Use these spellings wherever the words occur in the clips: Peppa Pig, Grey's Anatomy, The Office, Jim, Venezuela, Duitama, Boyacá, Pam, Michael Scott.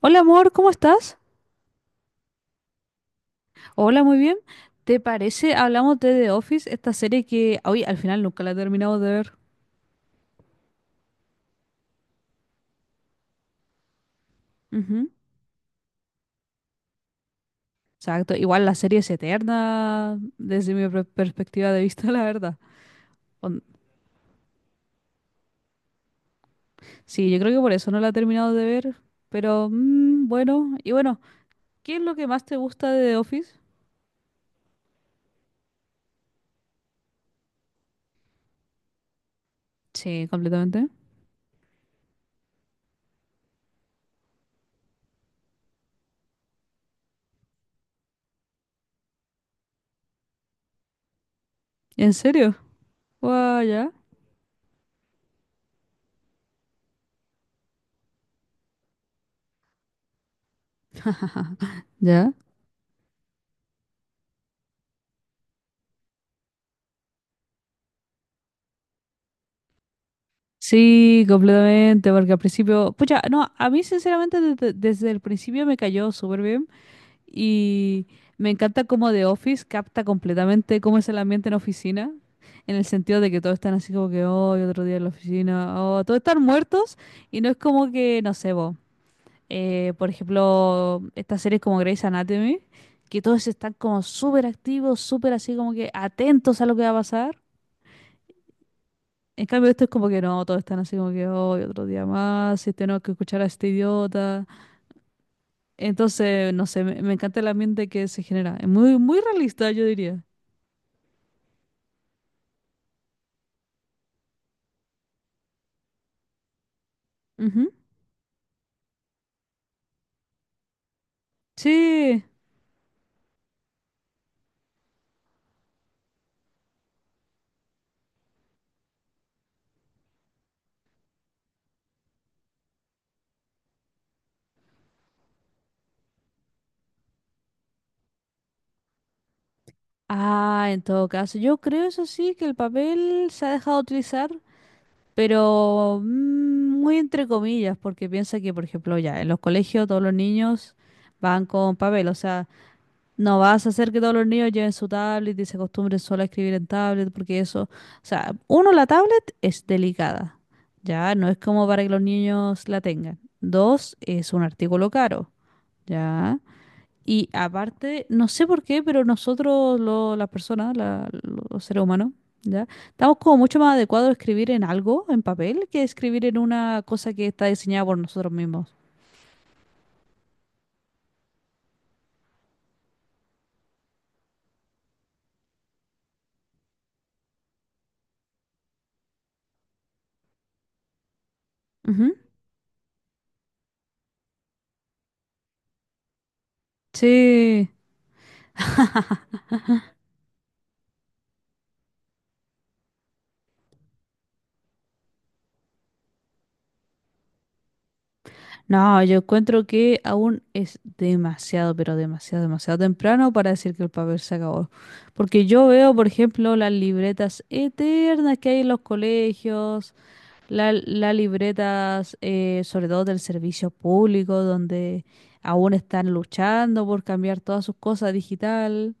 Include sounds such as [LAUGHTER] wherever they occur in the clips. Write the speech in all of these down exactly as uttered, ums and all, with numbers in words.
Hola amor, ¿cómo estás? Hola, muy bien. ¿Te parece? Hablamos de The Office, esta serie que hoy al final nunca la he terminado de ver. Ujú. Exacto. Igual la serie es eterna desde mi per- perspectiva de vista, [LAUGHS] la verdad. On- Sí, yo creo que por eso no la he terminado de ver. Pero mm, bueno, y bueno, ¿qué es lo que más te gusta de The Office? Sí, completamente. ¿En serio? Guau, ya. ¿Ya? Sí, completamente, porque al principio, pucha, no, a mí sinceramente desde, desde el principio me cayó súper bien. Y me encanta cómo The Office capta completamente cómo es el ambiente en oficina, en el sentido de que todos están así como que, hoy otro día en la oficina, oh, todos están muertos y no es como que, no sé, vos. Eh, por ejemplo, estas series como Grey's Anatomy, que todos están como súper activos, súper así como que atentos a lo que va a pasar. En cambio, esto es como que no, todos están así como que hoy otro día más, y tenemos que escuchar a este idiota. Entonces, no sé, me, me encanta el ambiente que se genera. Es muy, muy realista, yo diría. Ujú. Sí. Ah, en todo caso, yo creo eso sí que el papel se ha dejado de utilizar, pero mm, muy entre comillas, porque piensa que, por ejemplo, ya en los colegios todos los niños van con papel, o sea, no vas a hacer que todos los niños lleven su tablet y se acostumbren solo a escribir en tablet, porque eso, o sea, uno, la tablet es delicada, ya no es como para que los niños la tengan. Dos, es un artículo caro, ya. Y aparte, no sé por qué, pero nosotros, lo- las personas, la- los seres humanos, ¿ya? Estamos como mucho más adecuados a escribir en algo, en papel, que escribir en una cosa que está diseñada por nosotros mismos. Ujú. Sí. [LAUGHS] No, yo encuentro que aún es demasiado, pero demasiado, demasiado temprano para decir que el papel se acabó. Porque yo veo, por ejemplo, las libretas eternas que hay en los colegios, La- las libretas, eh, sobre todo del servicio público, donde aún están luchando por cambiar todas sus cosas digital.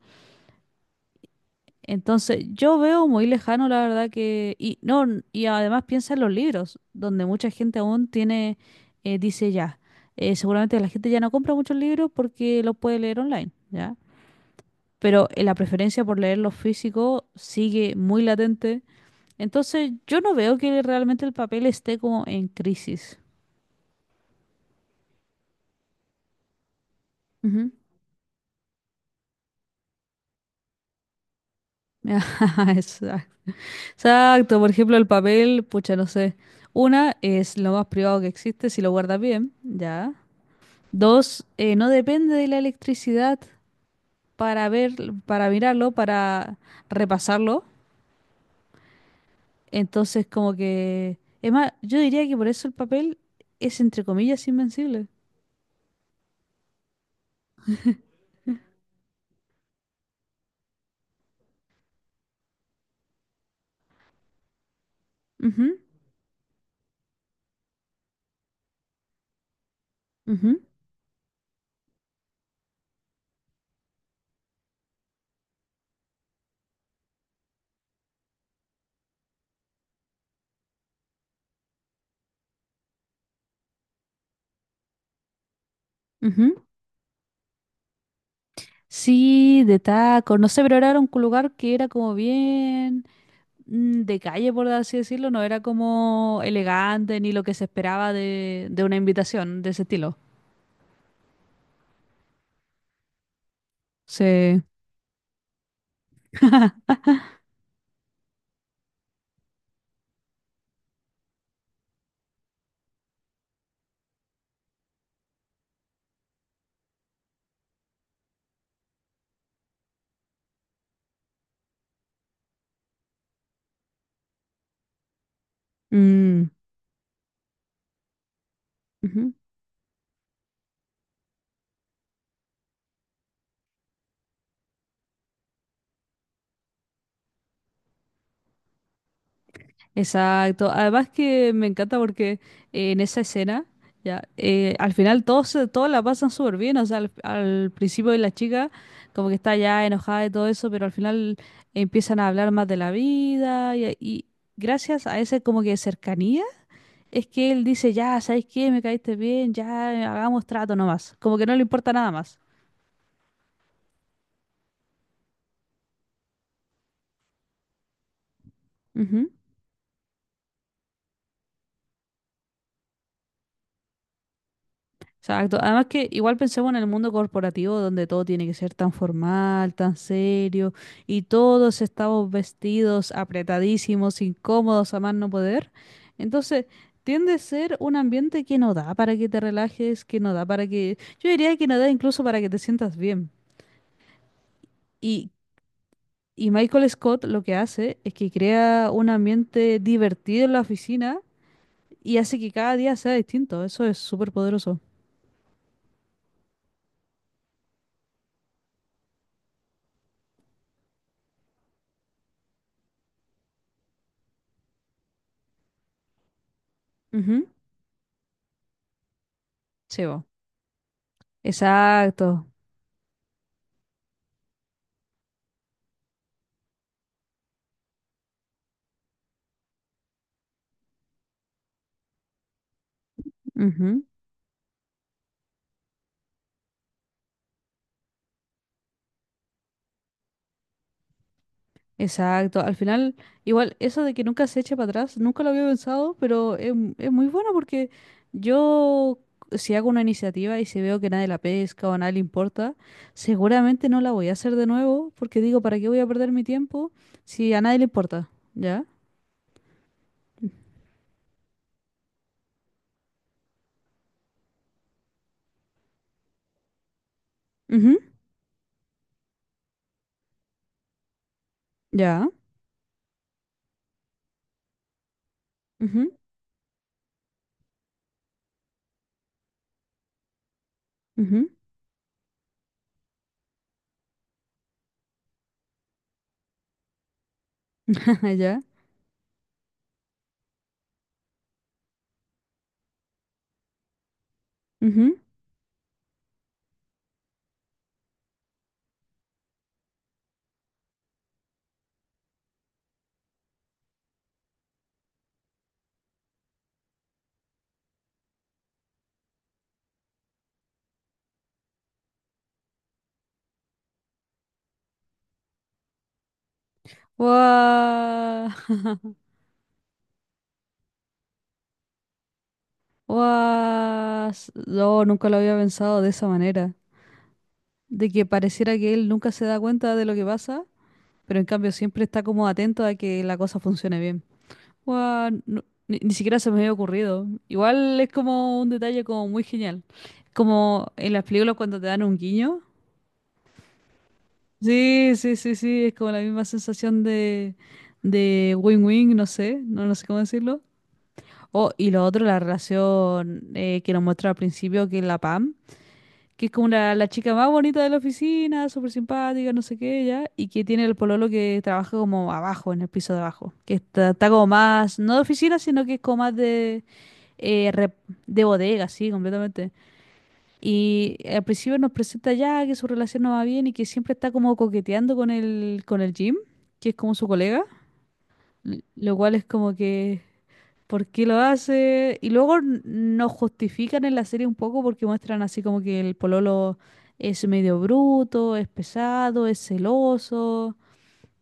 Entonces, yo veo muy lejano, la verdad que... Y, no, n- y además piensa en los libros, donde mucha gente aún tiene, eh, dice ya, eh, seguramente la gente ya no compra muchos libros porque los puede leer online, ¿ya? Pero eh, la preferencia por leer los físicos sigue muy latente. Entonces, yo no veo que realmente el papel esté como en crisis. Ujú. [LAUGHS] Exacto. Exacto, por ejemplo, el papel, pucha, no sé. Una es lo más privado que existe si lo guardas bien, ya. Dos, eh, no depende de la electricidad para ver, para mirarlo, para repasarlo. Entonces, como que, es más, yo diría que por eso el papel es entre comillas invencible. Ujú, ujú, ujú. Sí, de taco, no sé, pero era un lugar que era como bien. Mm, de calle, por así decirlo, no era como elegante ni lo que se esperaba de, de una invitación de ese estilo. Sí. Mm, ujú. Exacto. Además que me encanta porque eh, en esa escena, ya, eh, al final todos, se- todos la pasan súper bien. O sea, al, al principio de la chica como que está ya enojada y todo eso, pero al final empiezan a hablar más de la vida y, y gracias a ese como que cercanía. Es que él dice, ya, ¿sabes qué? Me caíste bien, ya, eh, hagamos trato nomás. Como que no le importa nada más. Ujú. Exacto. Además que igual pensemos en el mundo corporativo donde todo tiene que ser tan formal, tan serio, y todos estamos vestidos apretadísimos, incómodos a más no poder. Entonces, tiende a ser un ambiente que no da para que te relajes, que no da para que... Yo diría que no da incluso para que te sientas bien. Y Y Michael Scott lo que hace es que crea un ambiente divertido en la oficina y hace que cada día sea distinto. Eso es súper poderoso. Ujú. Sí, bo. Exacto. Ujú. Exacto. Al final, igual, eso de que nunca se eche para atrás, nunca lo había pensado, pero es, m- es muy bueno porque yo, si hago una iniciativa y si veo que nadie la pesca o a nadie le importa, seguramente no la voy a hacer de nuevo porque digo, ¿para qué voy a perder mi tiempo si a nadie le importa? ¿Ya? Ujú. ¿Ya? Ujú, ujú, [LAUGHS] ya. Ujú. Guau, [LAUGHS] guau, s- No, nunca lo había pensado de esa manera. De que pareciera que él nunca se da cuenta de lo que pasa, pero en cambio siempre está como atento a que la cosa funcione bien. Guau, no- ni, ni siquiera se me había ocurrido. Igual es como un detalle como muy genial. Como en las películas cuando te dan un guiño. Sí, sí, sí, sí, es como la misma sensación de, de win-win, no sé, no, no sé cómo decirlo. Oh, y lo otro, la relación eh, que nos muestra al principio, que es la Pam, que es como la, la chica más bonita de la oficina, súper simpática, no sé qué, ya, y que tiene el pololo que trabaja como abajo, en el piso de abajo, que está, está como más, no de oficina, sino que es como más de, eh, rep- de bodega, sí, completamente. Y al principio nos presenta ya que su relación no va bien y que siempre está como coqueteando con el, con el Jim, que es como su colega, l- lo cual es como que ¿por qué lo hace? Y luego n- nos justifican en la serie un poco porque muestran así como que el pololo es medio bruto, es pesado, es celoso.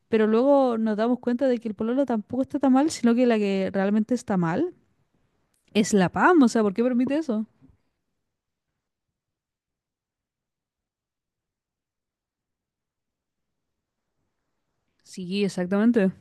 Pero luego nos damos cuenta de que el pololo tampoco está tan mal, sino que la que realmente está mal es la PAM. O sea, ¿por qué permite eso? Sí, exactamente. O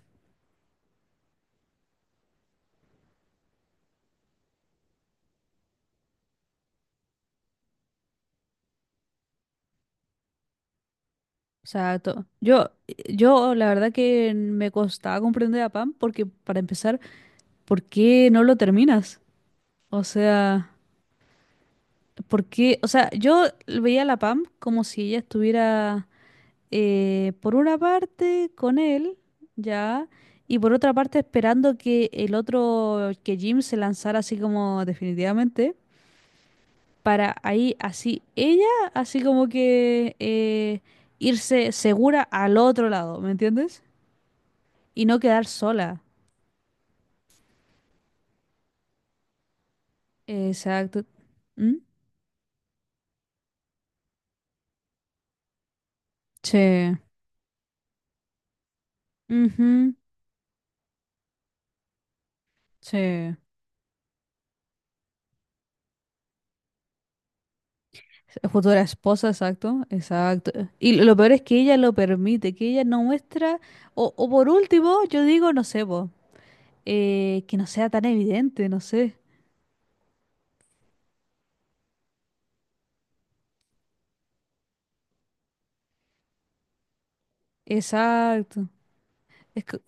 sea, to- yo, yo la verdad que me costaba comprender a PAM porque, para empezar, ¿por qué no lo terminas? O sea... Porque, o sea, yo veía a la Pam como si ella estuviera eh, por una parte con él, ya, y por otra parte esperando que el otro, que Jim se lanzara así como definitivamente, para ahí así ella, así como que eh, irse segura al otro lado, ¿me entiendes? Y no quedar sola. Exacto. ¿Mm? Sí. Ujú. Sí. Futura esposa, exacto, exacto. Y lo peor es que ella lo permite, que ella no muestra, o, o por último, yo digo, no sé, po, eh, que no sea tan evidente, no sé. Exacto. Es, co-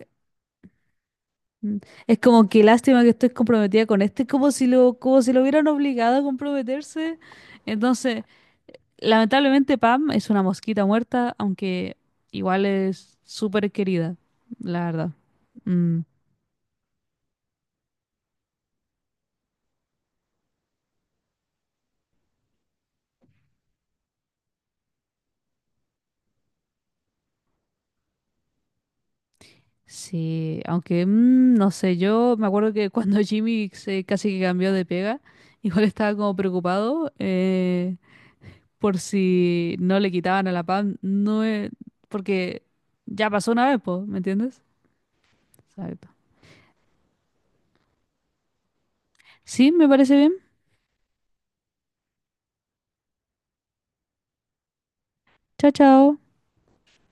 mm, es como que lástima que estoy comprometida con este, como si lo, como si lo hubieran obligado a comprometerse. Entonces, lamentablemente Pam es una mosquita muerta, aunque igual es súper querida, la verdad. Mm. Sí, aunque mm, no sé, yo me acuerdo que [LAUGHS] cuando Jimmy se casi que cambió de pega, igual estaba como preocupado eh, por si no le quitaban a la Pam, no es- porque ya pasó una vez, po, ¿me entiendes? Exacto. Sí, me parece bien. Chao, chao.